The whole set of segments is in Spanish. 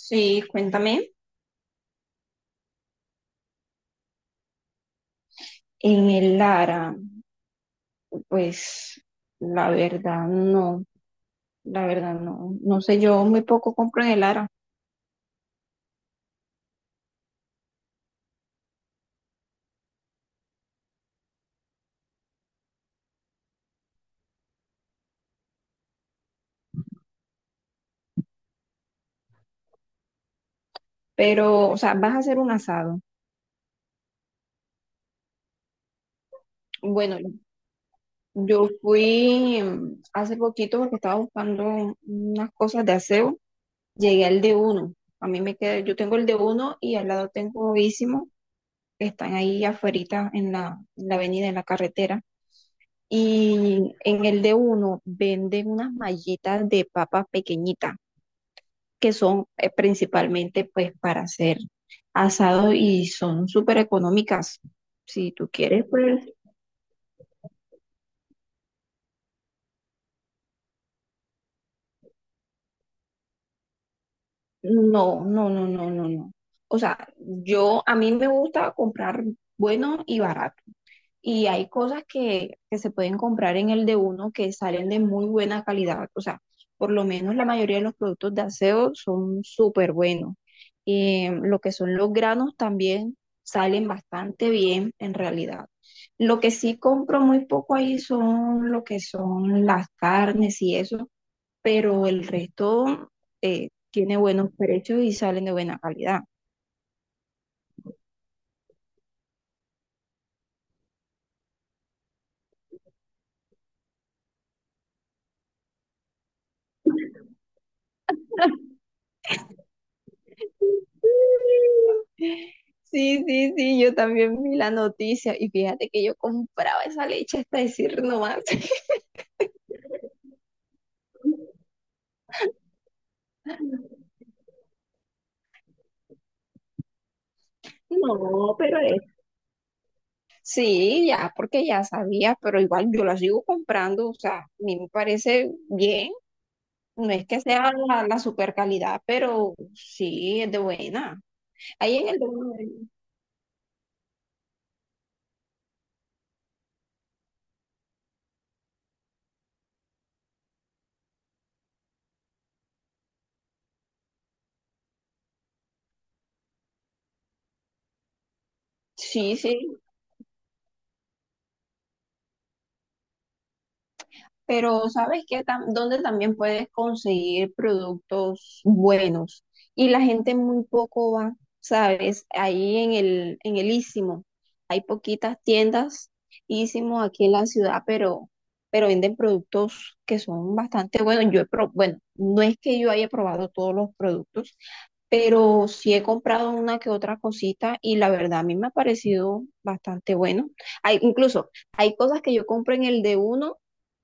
Sí, cuéntame. En el Lara, pues la verdad no, la verdad no, no sé, yo muy poco compro en el Lara, pero, o sea, vas a hacer un asado. Bueno, yo fui hace poquito porque estaba buscando unas cosas de aseo, llegué al de uno, a mí me queda, yo tengo el de uno y al lado tengo Ísimo, que están ahí afuerita en la avenida, en la carretera. Y en el de uno venden unas mallitas de papas pequeñitas, que son principalmente pues para hacer asado y son súper económicas. Si tú quieres, pues no, no, no, no, no, no. O sea, yo a mí me gusta comprar bueno y barato. Y hay cosas que se pueden comprar en el de uno que salen de muy buena calidad. O sea, por lo menos la mayoría de los productos de aseo son súper buenos. Lo que son los granos también salen bastante bien en realidad. Lo que sí compro muy poco ahí son lo que son las carnes y eso, pero el resto tiene buenos precios y salen de buena calidad. Sí, sí, sí, yo también vi la noticia y fíjate que yo compraba esa leche hasta decir no más. No, pero es, sí, ya, porque ya sabía, pero igual yo la sigo comprando, o sea, a mí me parece bien, no es que sea la super calidad, pero sí es de buena. Ahí en el de uno, sí, sí, pero sabes que donde también puedes conseguir productos buenos y la gente muy poco va, sabes, ahí en el Istmo. Hay poquitas tiendas Istmo aquí en la ciudad, pero venden productos que son bastante buenos. Bueno, no es que yo haya probado todos los productos, pero sí he comprado una que otra cosita y la verdad a mí me ha parecido bastante bueno. Hay, incluso hay cosas que yo compro en el de uno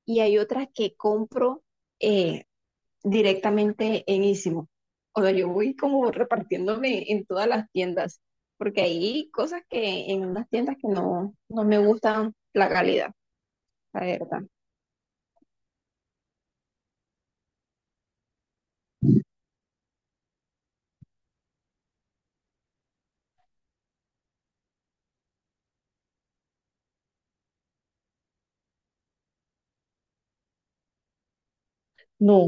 y hay otras que compro eh, directamente en Ísimo. O sea, yo voy como repartiéndome en todas las tiendas, porque hay cosas que en unas tiendas que no, no me gustan la calidad, la verdad. No,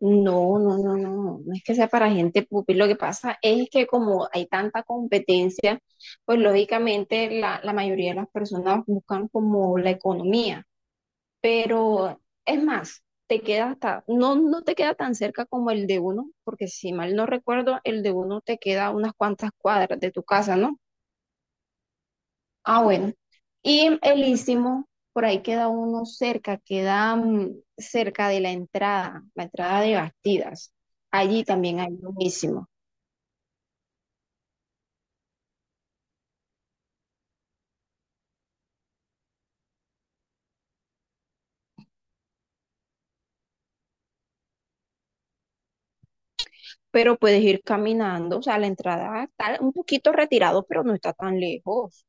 no, no, no, no, no es que sea para gente pupi. Lo que pasa es que como hay tanta competencia, pues lógicamente la mayoría de las personas buscan como la economía. Pero es más, te queda hasta, no, no te queda tan cerca como el de uno, porque si mal no recuerdo, el de uno te queda a unas cuantas cuadras de tu casa, ¿no? Ah, bueno. Y el Istmo, por ahí queda uno cerca, queda cerca de la entrada de Bastidas. Allí también hay un Istmo, pero puedes ir caminando, o sea, la entrada está un poquito retirado, pero no está tan lejos.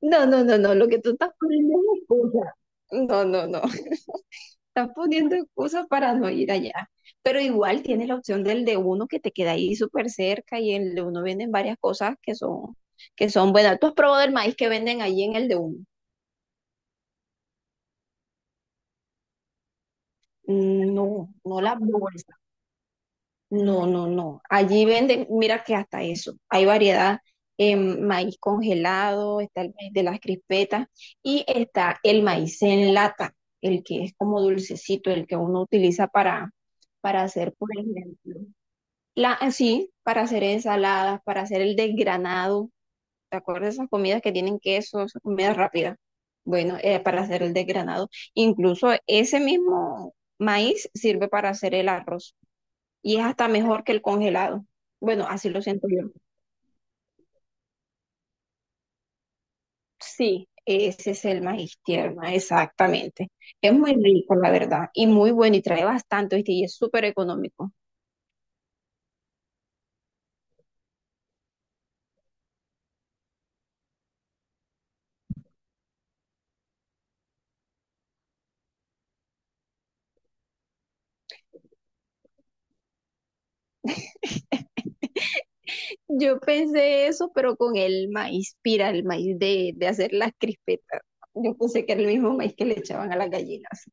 No, no, no, no, lo que tú estás poniendo es excusa. No, no, no. Estás poniendo excusas para no ir allá. Pero igual tienes la opción del de uno que te queda ahí súper cerca y en el de uno venden varias cosas que son buenas. ¿Tú has probado el maíz que venden ahí en el de uno? Mm, no, no las bolsas. No, no, no. Allí venden, mira que hasta eso. Hay variedad en maíz congelado, está el maíz de las crispetas y está el maíz en lata, el que es como dulcecito, el que uno utiliza para hacer, por ejemplo. Sí, para hacer ensaladas, para hacer el desgranado. ¿Te acuerdas de esas comidas que tienen queso, esas comidas rápidas? Bueno, para hacer el desgranado. Incluso ese mismo maíz sirve para hacer el arroz y es hasta mejor que el congelado. Bueno, así lo siento yo. Sí, ese es el maíz tierno, exactamente. Es muy rico, la verdad, y muy bueno y trae bastante, ¿viste? Y es súper económico. Yo pensé eso, pero con el maíz pira, el maíz de hacer las crispetas. Yo pensé que era el mismo maíz que le echaban a las gallinas.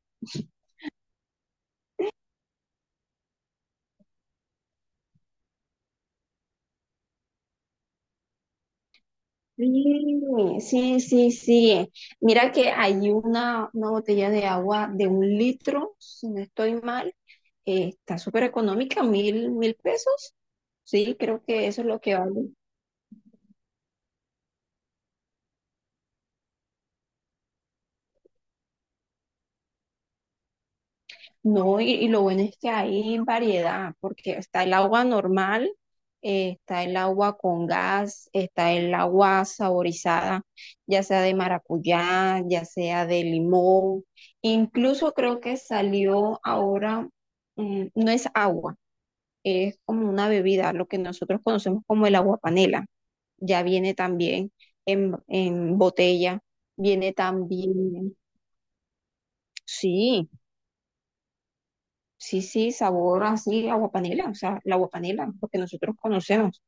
Sí, sí, sí, sí. Mira que hay una botella de agua de un litro, si no estoy mal, está súper económica, mil pesos. Sí, creo que eso es lo que vale. No, y lo bueno es que hay variedad, porque está el agua normal, está el agua con gas, está el agua saborizada, ya sea de maracuyá, ya sea de limón. Incluso creo que salió ahora, no es agua, es como una bebida, lo que nosotros conocemos como el agua panela. Ya viene también en botella, viene también, sí. Sí, sí, sabor así, agua panela, o sea, la agua panela, lo que nosotros conocemos.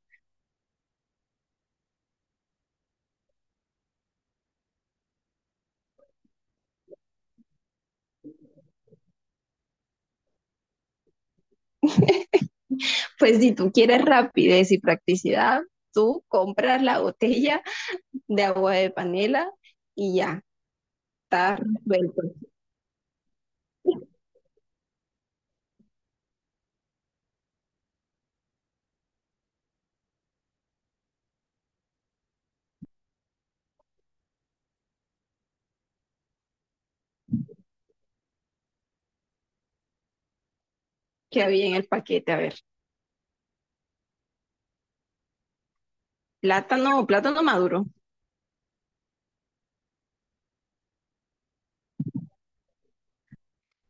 Pues si tú quieres rapidez y practicidad, tú compras la botella de agua de panela y ya, está resuelto. ¿Qué había en el paquete? A ver, plátano, plátano maduro,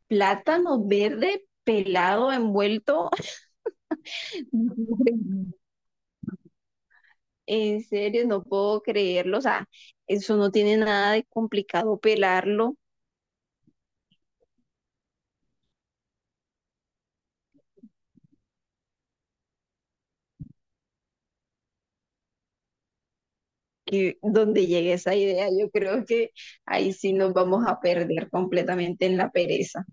plátano verde pelado, envuelto. En serio, no puedo creerlo, o sea, eso no tiene nada de complicado pelarlo, que donde llegue esa idea, yo creo que ahí sí nos vamos a perder completamente en la pereza.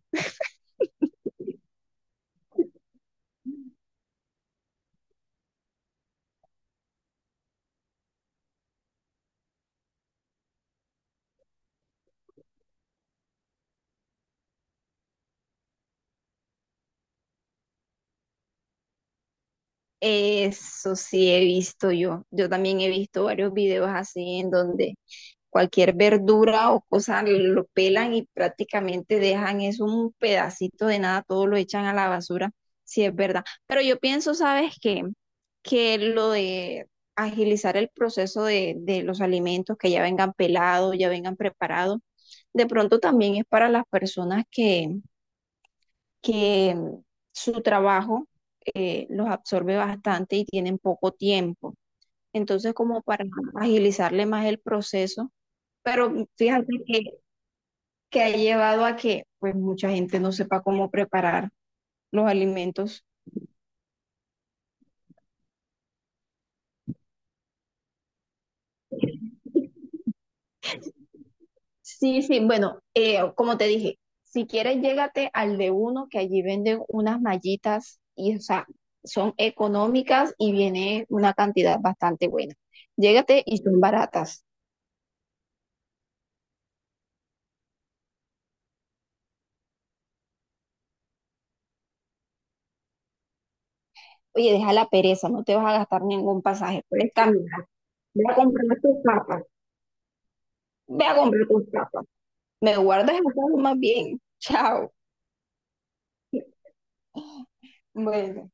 Eso sí he visto yo. Yo también he visto varios videos así en donde cualquier verdura o cosa lo pelan y prácticamente dejan eso un pedacito de nada, todo lo echan a la basura, si es verdad. Pero yo pienso, ¿sabes qué? Que lo de agilizar el proceso de los alimentos, que ya vengan pelados, ya vengan preparados, de pronto también es para las personas que su trabajo los absorbe bastante y tienen poco tiempo. Entonces, como para agilizarle más el proceso, pero fíjate que ha llevado a que pues mucha gente no sepa cómo preparar los alimentos. Sí, sí, bueno, como te dije, si quieres llégate al de uno que allí venden unas mallitas y o sea, son económicas y viene una cantidad bastante buena. Llégate y son baratas. Oye, deja la pereza, no te vas a gastar ningún pasaje, puedes caminar, ve a comprar tus papas, ve a comprar tus papas. Me guardas el pago más bien. Chao. Bueno.